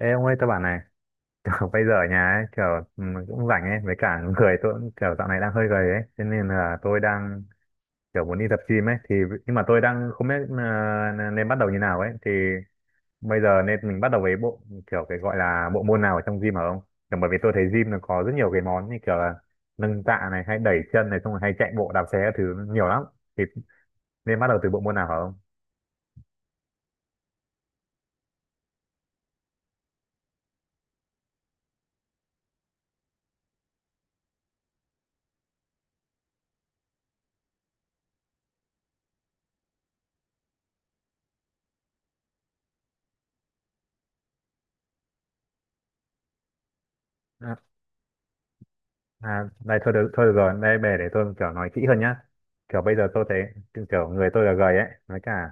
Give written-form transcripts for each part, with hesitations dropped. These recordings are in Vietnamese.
Ê ông ơi, tôi bảo này, kiểu bây giờ ở nhà ấy, kiểu ừ, cũng rảnh ấy, với cả người tôi cũng kiểu dạo này đang hơi gầy ấy, cho nên là tôi đang kiểu muốn đi tập gym ấy, thì nhưng mà tôi đang không biết nên bắt đầu như nào ấy, thì bây giờ nên mình bắt đầu với bộ kiểu cái gọi là bộ môn nào ở trong gym hả ông? Kiểu bởi vì tôi thấy gym nó có rất nhiều cái món như kiểu là nâng tạ này, hay đẩy chân này, xong rồi hay chạy bộ đạp xe các thứ nhiều lắm, thì nên bắt đầu từ bộ môn nào hả ông? À, này thôi được rồi, đây bè để tôi kiểu nói kỹ hơn nhá. Kiểu bây giờ tôi thấy kiểu người tôi là gầy ấy, nói cả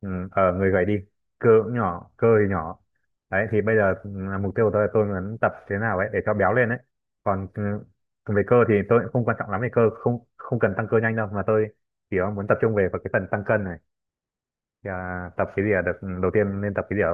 ừ, ờ người gầy đi, cơ cũng nhỏ, cơ thì nhỏ. Đấy thì bây giờ ừ, mục tiêu của tôi là tôi muốn tập thế nào ấy để cho béo lên ấy. Còn ừ, về cơ thì tôi cũng không quan trọng lắm về cơ, không không cần tăng cơ nhanh đâu mà tôi chỉ muốn tập trung vào cái phần tăng cân này. Thì, à, tập cái gì là được ừ, đầu tiên nên tập cái gì ạ?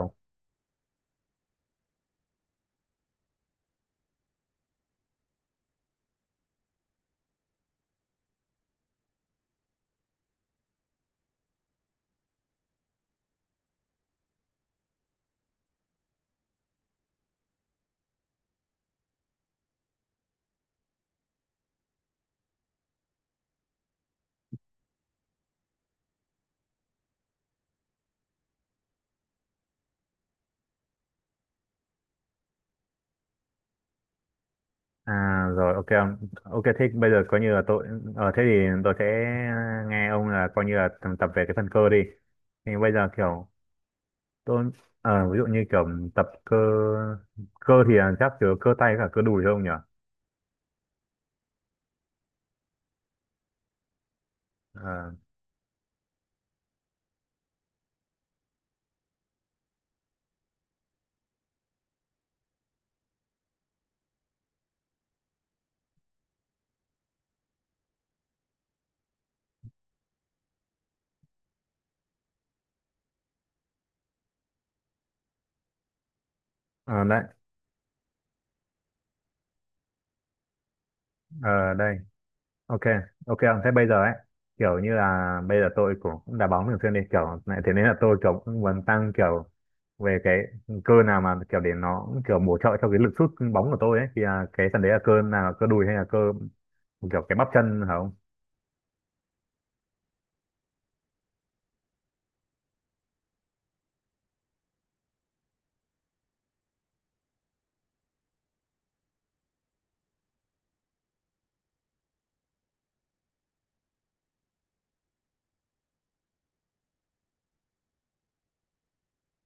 À rồi, ok ông. Ok thế bây giờ coi như là tôi ờ thế thì tôi sẽ nghe ông là coi như là tập về cái phần cơ đi, thì bây giờ kiểu tôi ví dụ như kiểu tập cơ, cơ thì là chắc chứa cơ tay với cả cơ đùi không nhỉ. Ờ, ờ, đấy. Ờ đây. Ok, ok ông, thế bây giờ ấy kiểu như là bây giờ tôi cũng cũng đá bóng thường xuyên đi kiểu này, thế nên là tôi kiểu cũng muốn tăng kiểu về cái cơ nào mà kiểu để nó cũng kiểu bổ trợ cho cái lực sút bóng của tôi ấy, thì là cái phần đấy là cơ nào, cơ đùi hay là cơ kiểu cái bắp chân hả không.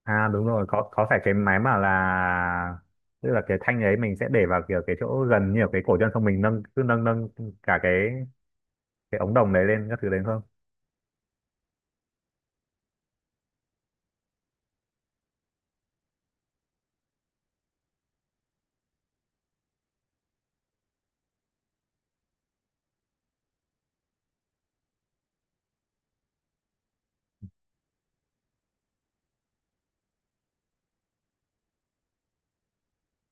À đúng rồi, có phải cái máy mà là tức là cái thanh ấy mình sẽ để vào kiểu cái chỗ gần như là cái cổ chân xong mình nâng, cứ nâng nâng cả cái ống đồng đấy lên các thứ đấy không.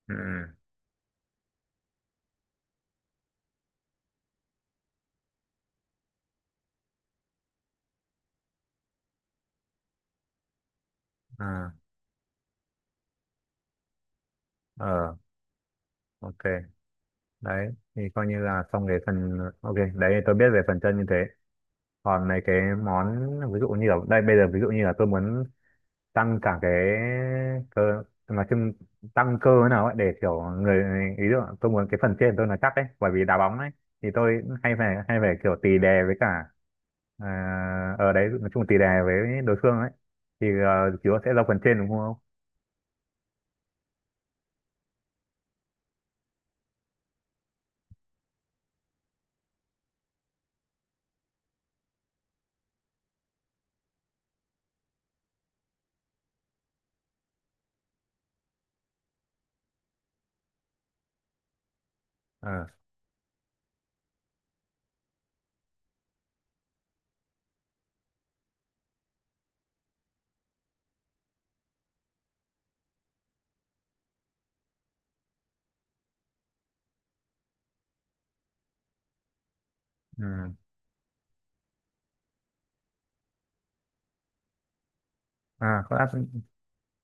Ừ. À, ờ, ok, đấy thì coi như là xong cái phần, ok, đấy tôi biết về phần chân như thế. Còn mấy cái món ví dụ như là đây bây giờ ví dụ như là tôi muốn tăng cả cái cơ nói chung, tăng cơ thế nào ấy để kiểu người, ý tưởng tôi muốn cái phần trên tôi là chắc ấy, bởi vì đá bóng ấy, thì tôi hay phải kiểu tì đè với cả ở đấy nói chung là tì đè với đối phương ấy, thì chúa sẽ ra phần trên đúng không. Ờ. Ừ. À có lẽ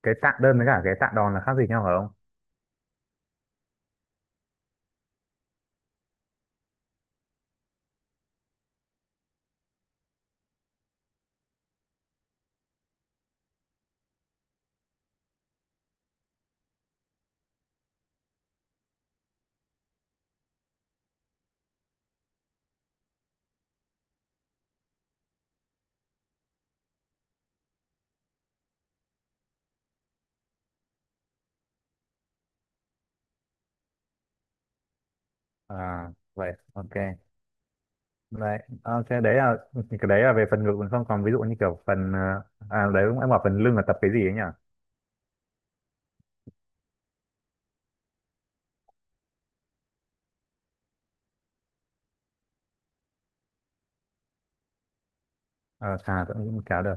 cái tạ đơn với cả cái tạ đòn là khác gì nhau phải không. À vậy ok, vậy ok, đấy là cái đấy là về phần ngực mình, không còn ví dụ như kiểu phần à đấy cũng em bảo phần lưng là tập cái gì ấy nhỉ. Ờ xà tôi cũng kéo được.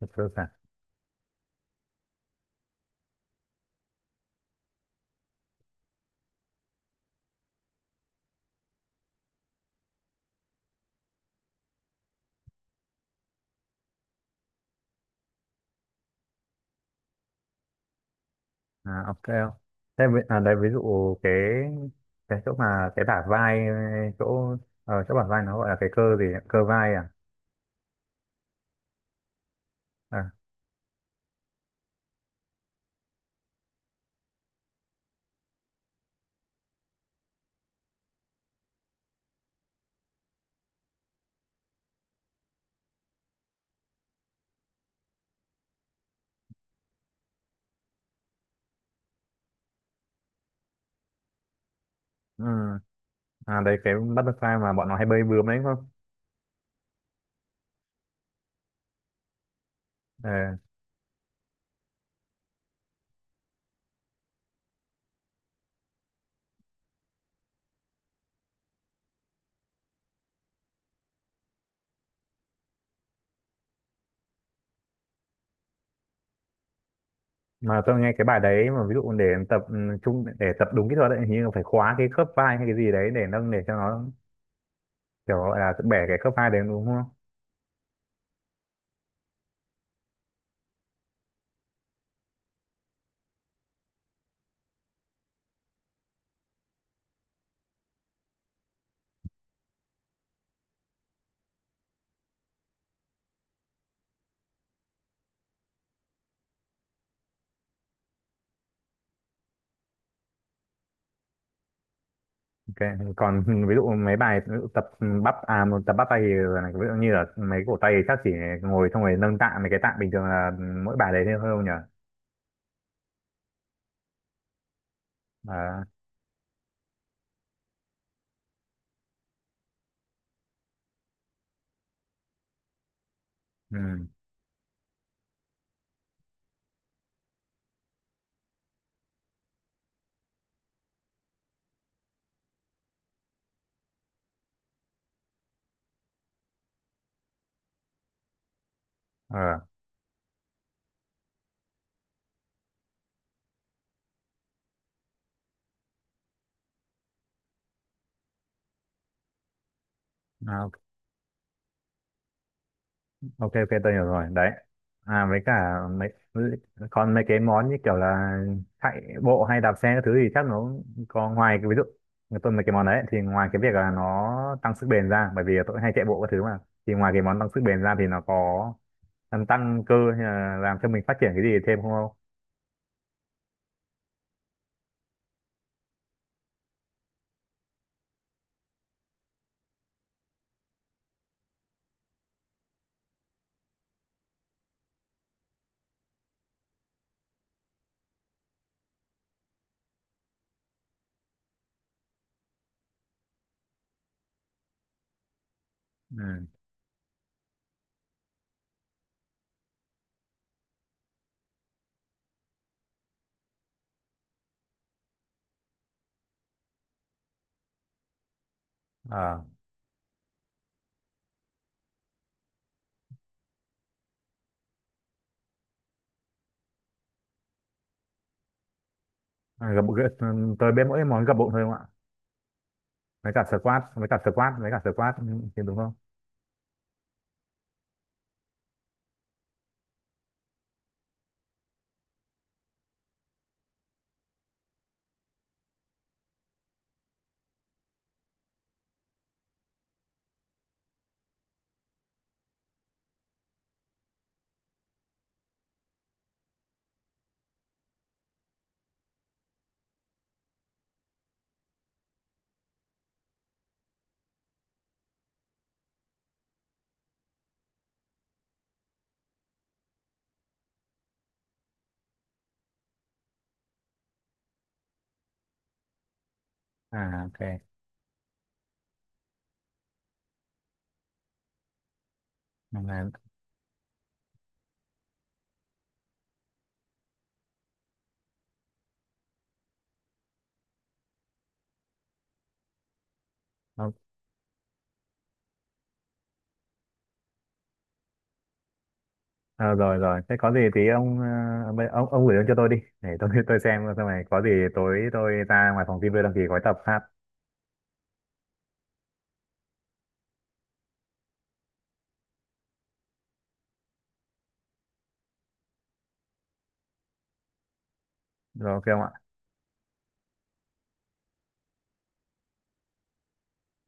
Tập cơ xà. À ok, thế à, đấy ví dụ cái cái chỗ mà cái bả vai chỗ chỗ bả vai nó gọi là cái cơ gì ấy? Cơ vai à. À. Ừ. À đấy cái butterfly mà bọn nó hay bơi bướm đấy đúng không. Ờ, mà tôi nghe cái bài đấy mà ví dụ để tập ừ, trung để tập đúng kỹ thuật ấy hình như là phải khóa cái khớp vai hay cái gì đấy để nâng để cho nó kiểu gọi là bẻ cái khớp vai đấy đúng không. Ok còn ví dụ mấy bài ví dụ tập bắp một tập bắp tay thì là ví dụ như là mấy cổ tay thì chắc chỉ ngồi xong rồi nâng tạ mấy cái tạ bình thường là mỗi bài đấy thôi không nhỉ. À, ừ, ờ, à, ok, ok tôi hiểu rồi đấy. À với cả mấy còn mấy cái món như kiểu là chạy bộ hay đạp xe các thứ thì chắc nó cũng có ngoài cái ví dụ người tôi mấy cái món đấy thì ngoài cái việc là nó tăng sức bền ra, bởi vì tôi hay chạy bộ các thứ mà, thì ngoài cái món tăng sức bền ra thì nó có làm tăng cơ hay là làm cho mình phát triển cái gì thêm không không. Ừ. Ờ. À, gập gập- tôi biết mỗi món gập bụng thôi không ạ. Với cả squat, với cả squat, với cả squat, ừ, thì đúng không. À ok. Nên là- ờ rồi rồi, thế có gì thì ông ông gửi cho tôi đi để tôi tôi xem xong rồi có gì tối tôi ra ngoài phòng gym tôi đăng ký gói tập hát. Rồi ok ông ạ.